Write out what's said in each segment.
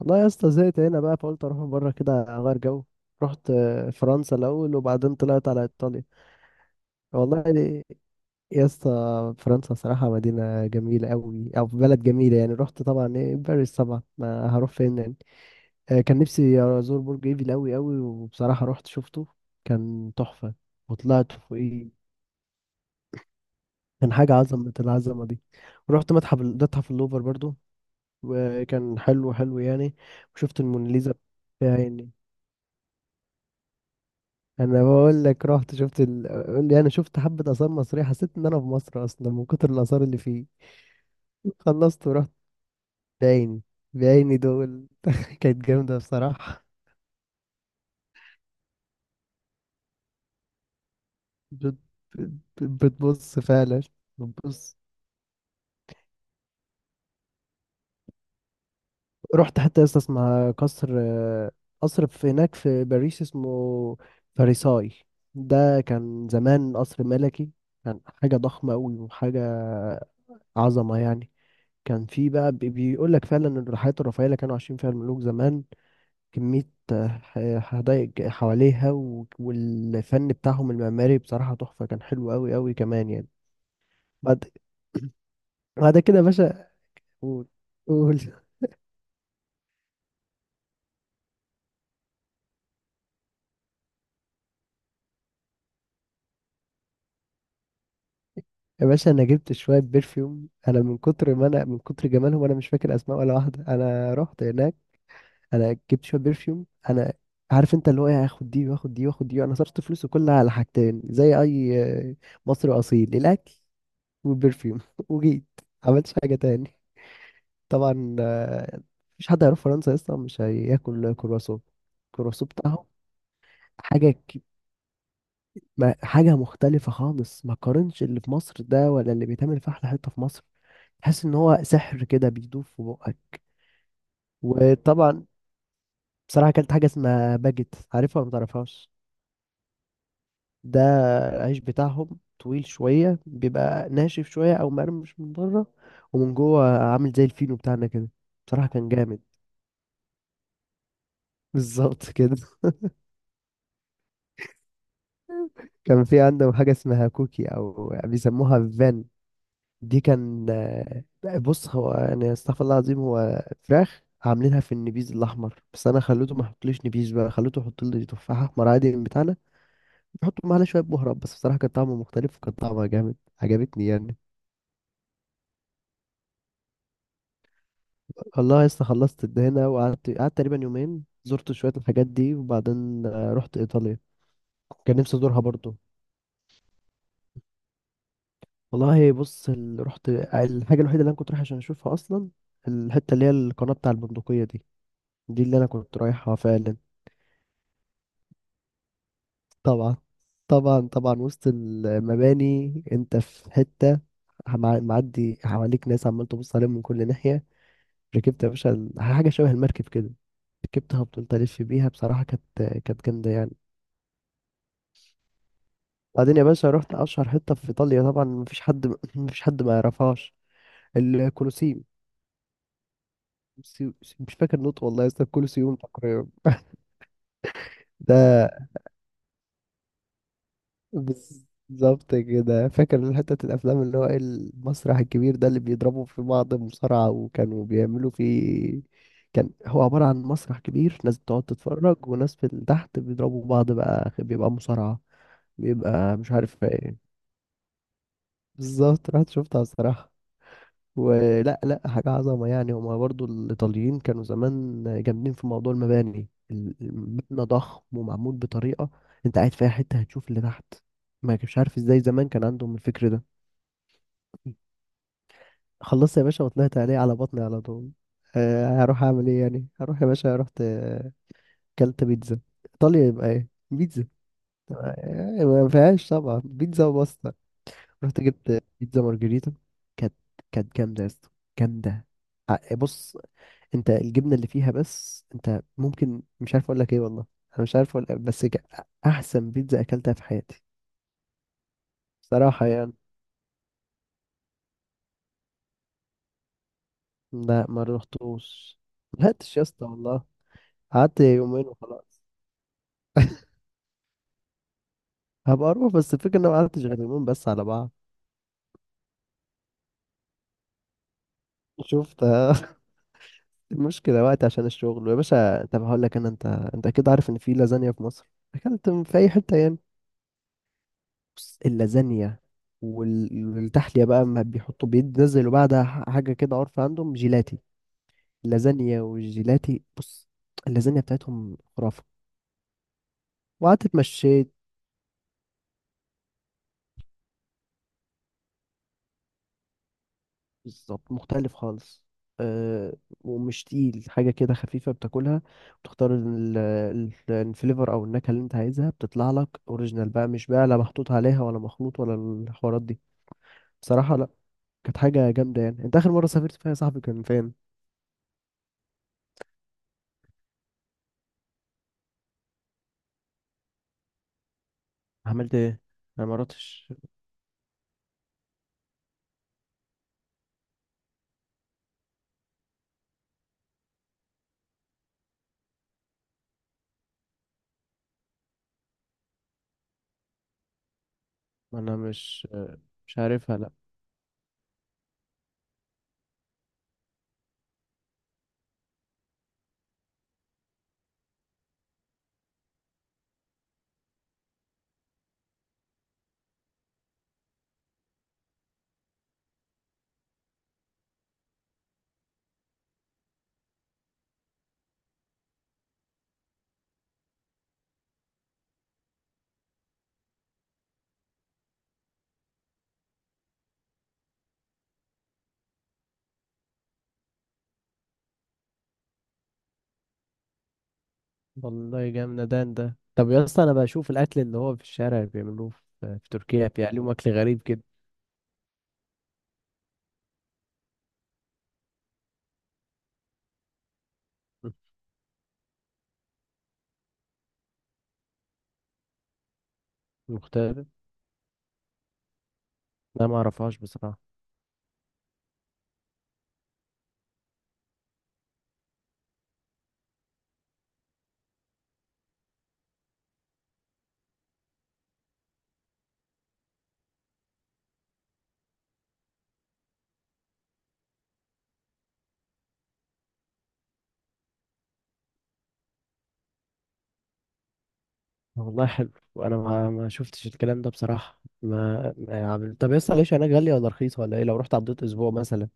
والله يا اسطى زهقت هنا بقى، فقلت اروح بره كده اغير جو. رحت فرنسا الاول، وبعدين طلعت على ايطاليا. والله يا اسطى، فرنسا صراحه مدينه جميله قوي او بلد جميله يعني. رحت طبعا ايه، باريس طبعا، ما هروح فين يعني. كان نفسي ازور برج ايفل قوي قوي، وبصراحه رحت شفته، كان تحفه، وطلعت فوقيه. كان حاجه عظمه العظمه دي. ورحت متحف اللوفر برضو، وكان حلو يعني، وشفت الموناليزا بعيني. انا بقول لك رحت شفت قول لي، انا شفت حبة آثار مصرية، حسيت ان انا في مصر اصلا من كتر الآثار اللي فيه. خلصت ورحت. بعيني، بعيني دول كانت جامدة بصراحة. بت... بتبص فعلا، بتبص. رحت حتى لسه اسمع قصر، قصر في هناك في باريس اسمه فارساي. ده كان زمان قصر ملكي، كان حاجة ضخمة أوي وحاجة عظمة يعني. كان في بقى بيقول لك فعلا ان الحياة الرفاهية اللي كانوا عايشين فيها الملوك زمان، كمية حدائق حواليها والفن بتاعهم المعماري بصراحة تحفة، كان حلو أوي أوي كمان يعني. بعد بعد كده يا باشا. قول قول يا باشا، أنا جبت شوية برفيوم، أنا من كتر جمالهم أنا مش فاكر أسماء ولا واحدة. أنا رحت هناك، أنا جبت شوية برفيوم. أنا عارف انت اللي هو ايه، هاخد دي واخد دي واخد دي، انا صرفت فلوسي كلها على حاجتين، زي اي آه، مصري اصيل: الاكل وبرفيوم. وجيت. عملتش حاجة تاني؟ طبعا، مفيش حد هيروح فرنسا اصلا مش هياكل كرواسون. الكرواسون بتاعهم حاجة حاجة مختلفة خالص، ما قارنش اللي في مصر ده ولا اللي بيتعمل في أحلى حتة في مصر. تحس إن هو سحر كده بيدوب في بقك. وطبعا بصراحة أكلت حاجة اسمها باجيت، عارفها ولا متعرفهاش؟ ده العيش بتاعهم طويل شوية، بيبقى ناشف شوية أو مقرمش من بره، ومن جوه عامل زي الفينو بتاعنا كده. بصراحة كان جامد. بالظبط كده. كان في عندهم حاجة اسمها كوكي أو بيسموها فان، دي كان بص، هو يعني استغفر الله العظيم، هو فراخ عاملينها في النبيذ الأحمر، بس أنا خليته ما يحطليش نبيذ بقى، خليته يحط لي تفاحة أحمر عادي من بتاعنا، يحطوا معاها شوية بهارات بس. بصراحة كان طعمه مختلف وكان طعمها جامد، عجبتني يعني. والله لسه خلصت الدهنة. وقعدت تقريبا يومين، زرت شوية الحاجات دي، وبعدين رحت إيطاليا، كان نفسي أزورها برضو. والله بص، رحت الحاجة الوحيدة اللي أنا كنت رايح عشان أشوفها أصلا، الحتة اللي هي القناة بتاع البندقية دي، دي اللي أنا كنت رايحها فعلا. طبعا طبعا طبعا، وسط المباني أنت في حتة، معدي حواليك ناس عمال تبص عليهم من كل ناحية. ركبت يا باشا حاجة شبه المركب كده، ركبتها وفضلت ألف بيها. بصراحة كانت جامدة يعني. بعدين يا باشا رحت أشهر حتة في إيطاليا، طبعا مفيش حد مفيش حد ما يعرفهاش: الكولوسيوم. سيو- مش فاكر نطق والله يا اسطى، الكولوسيوم تقريبا. ده بالظبط كده، فاكر حتة الأفلام اللي هو إيه، المسرح الكبير ده اللي بيضربوا في بعض مصارعة وكانوا بيعملوا فيه. كان هو عبارة عن مسرح كبير، ناس بتقعد تتفرج وناس في تحت بيضربوا بعض بقى، بيبقى مصارعة، بيبقى مش عارف ايه. بالظبط، رحت شفتها الصراحة. ولا، لا، حاجة عظمة يعني. هما برضو الإيطاليين كانوا زمان جامدين في موضوع المباني. المبنى ضخم ومعمول بطريقة، أنت قاعد في أي حتة هتشوف اللي تحت. ما مش عارف إزاي زمان كان عندهم الفكر ده. خلصت يا باشا وطلعت عليه على بطني على طول. أه، هروح أعمل إيه يعني؟ هروح يا باشا رحت كلت بيتزا. إيطاليا يبقى إيه؟ بيتزا. ما فيهاش طبعا، بيتزا وباستا. رحت جبت بيتزا مارجريتا، كانت كانت جامدة يا اسطى، جامدة. بص، انت الجبنه اللي فيها بس، انت ممكن مش عارف اقول لك ايه والله. انا مش عارف اقول إيه، احسن بيتزا اكلتها في حياتي صراحه يعني. لا، ما روحتوش، ما لحقتش يا اسطى والله. قعدت يومين وخلاص. هبقى اروح، بس الفكره ان انا ما قعدتش غير يومين بس على بعض. شفت المشكله، وقت عشان الشغل يا باشا. طب هقول لك انا، انت كده عارف ان في لازانيا في مصر، اكلت في اي حته يعني. بص، اللازانيا والتحليه بقى، ما بيحطوا بينزلوا بعدها حاجه كده، عارفه، عندهم جيلاتي. اللازانيا والجيلاتي، بص، اللازانيا بتاعتهم خرافة. وقعدت اتمشيت. بالظبط مختلف خالص. أه، ومش تقيل، حاجة كده خفيفة بتاكلها، بتختار الفليفر أو النكهة اللي أنت عايزها، بتطلع لك أوريجينال بقى، مش بقى لا محطوط عليها ولا مخلوط ولا الحوارات دي. بصراحة لأ، كانت حاجة جامدة يعني. أنت آخر مرة سافرت فيها يا صاحبي كان فين؟ عملت إيه؟ أنا مراتش، ما أنا مش عارفها. والله جامدان ده. طب يا اسطى، انا بشوف الاكل اللي هو في الشارع اللي بيعملوه في في تركيا، بيعملوه اكل غريب كده مختلف. لا، ما اعرفهاش بصراحه. والله حلو، وانا ما شفتش الكلام ده بصراحه، ما ما عمل- طب يا اسطى، العيش هناك غاليه ولا رخيصه ولا ايه لو رحت عديت اسبوع مثلا؟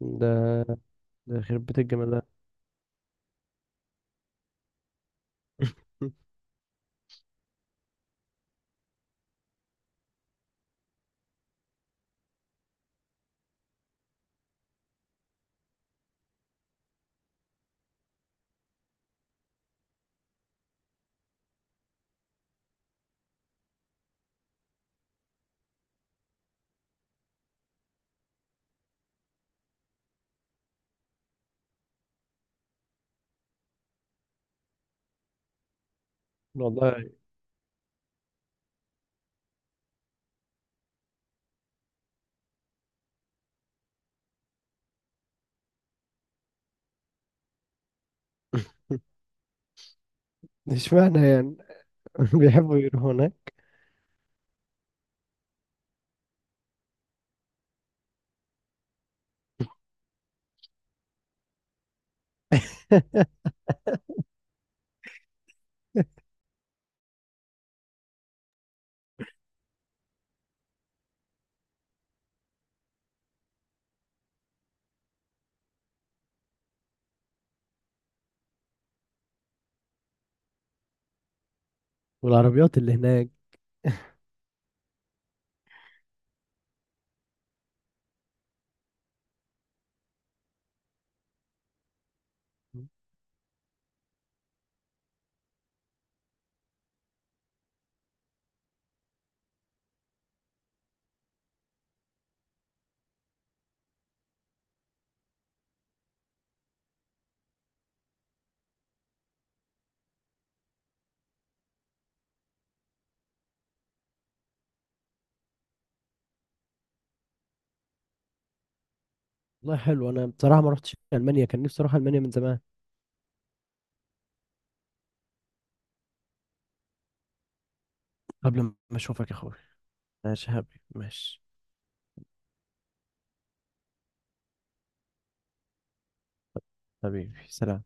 ده ده يخرب بيت الجمال ده. والله. اشمعنى يعني؟ بيحبوا يروحوا هناك. والعربيات اللي هناك. والله حلو، انا بصراحه ما رحتش المانيا، كان نفسي اروح المانيا من زمان، قبل ما اشوفك يا اخوي. ماشي يا حبيبي، ماشي. حبيبي سلام.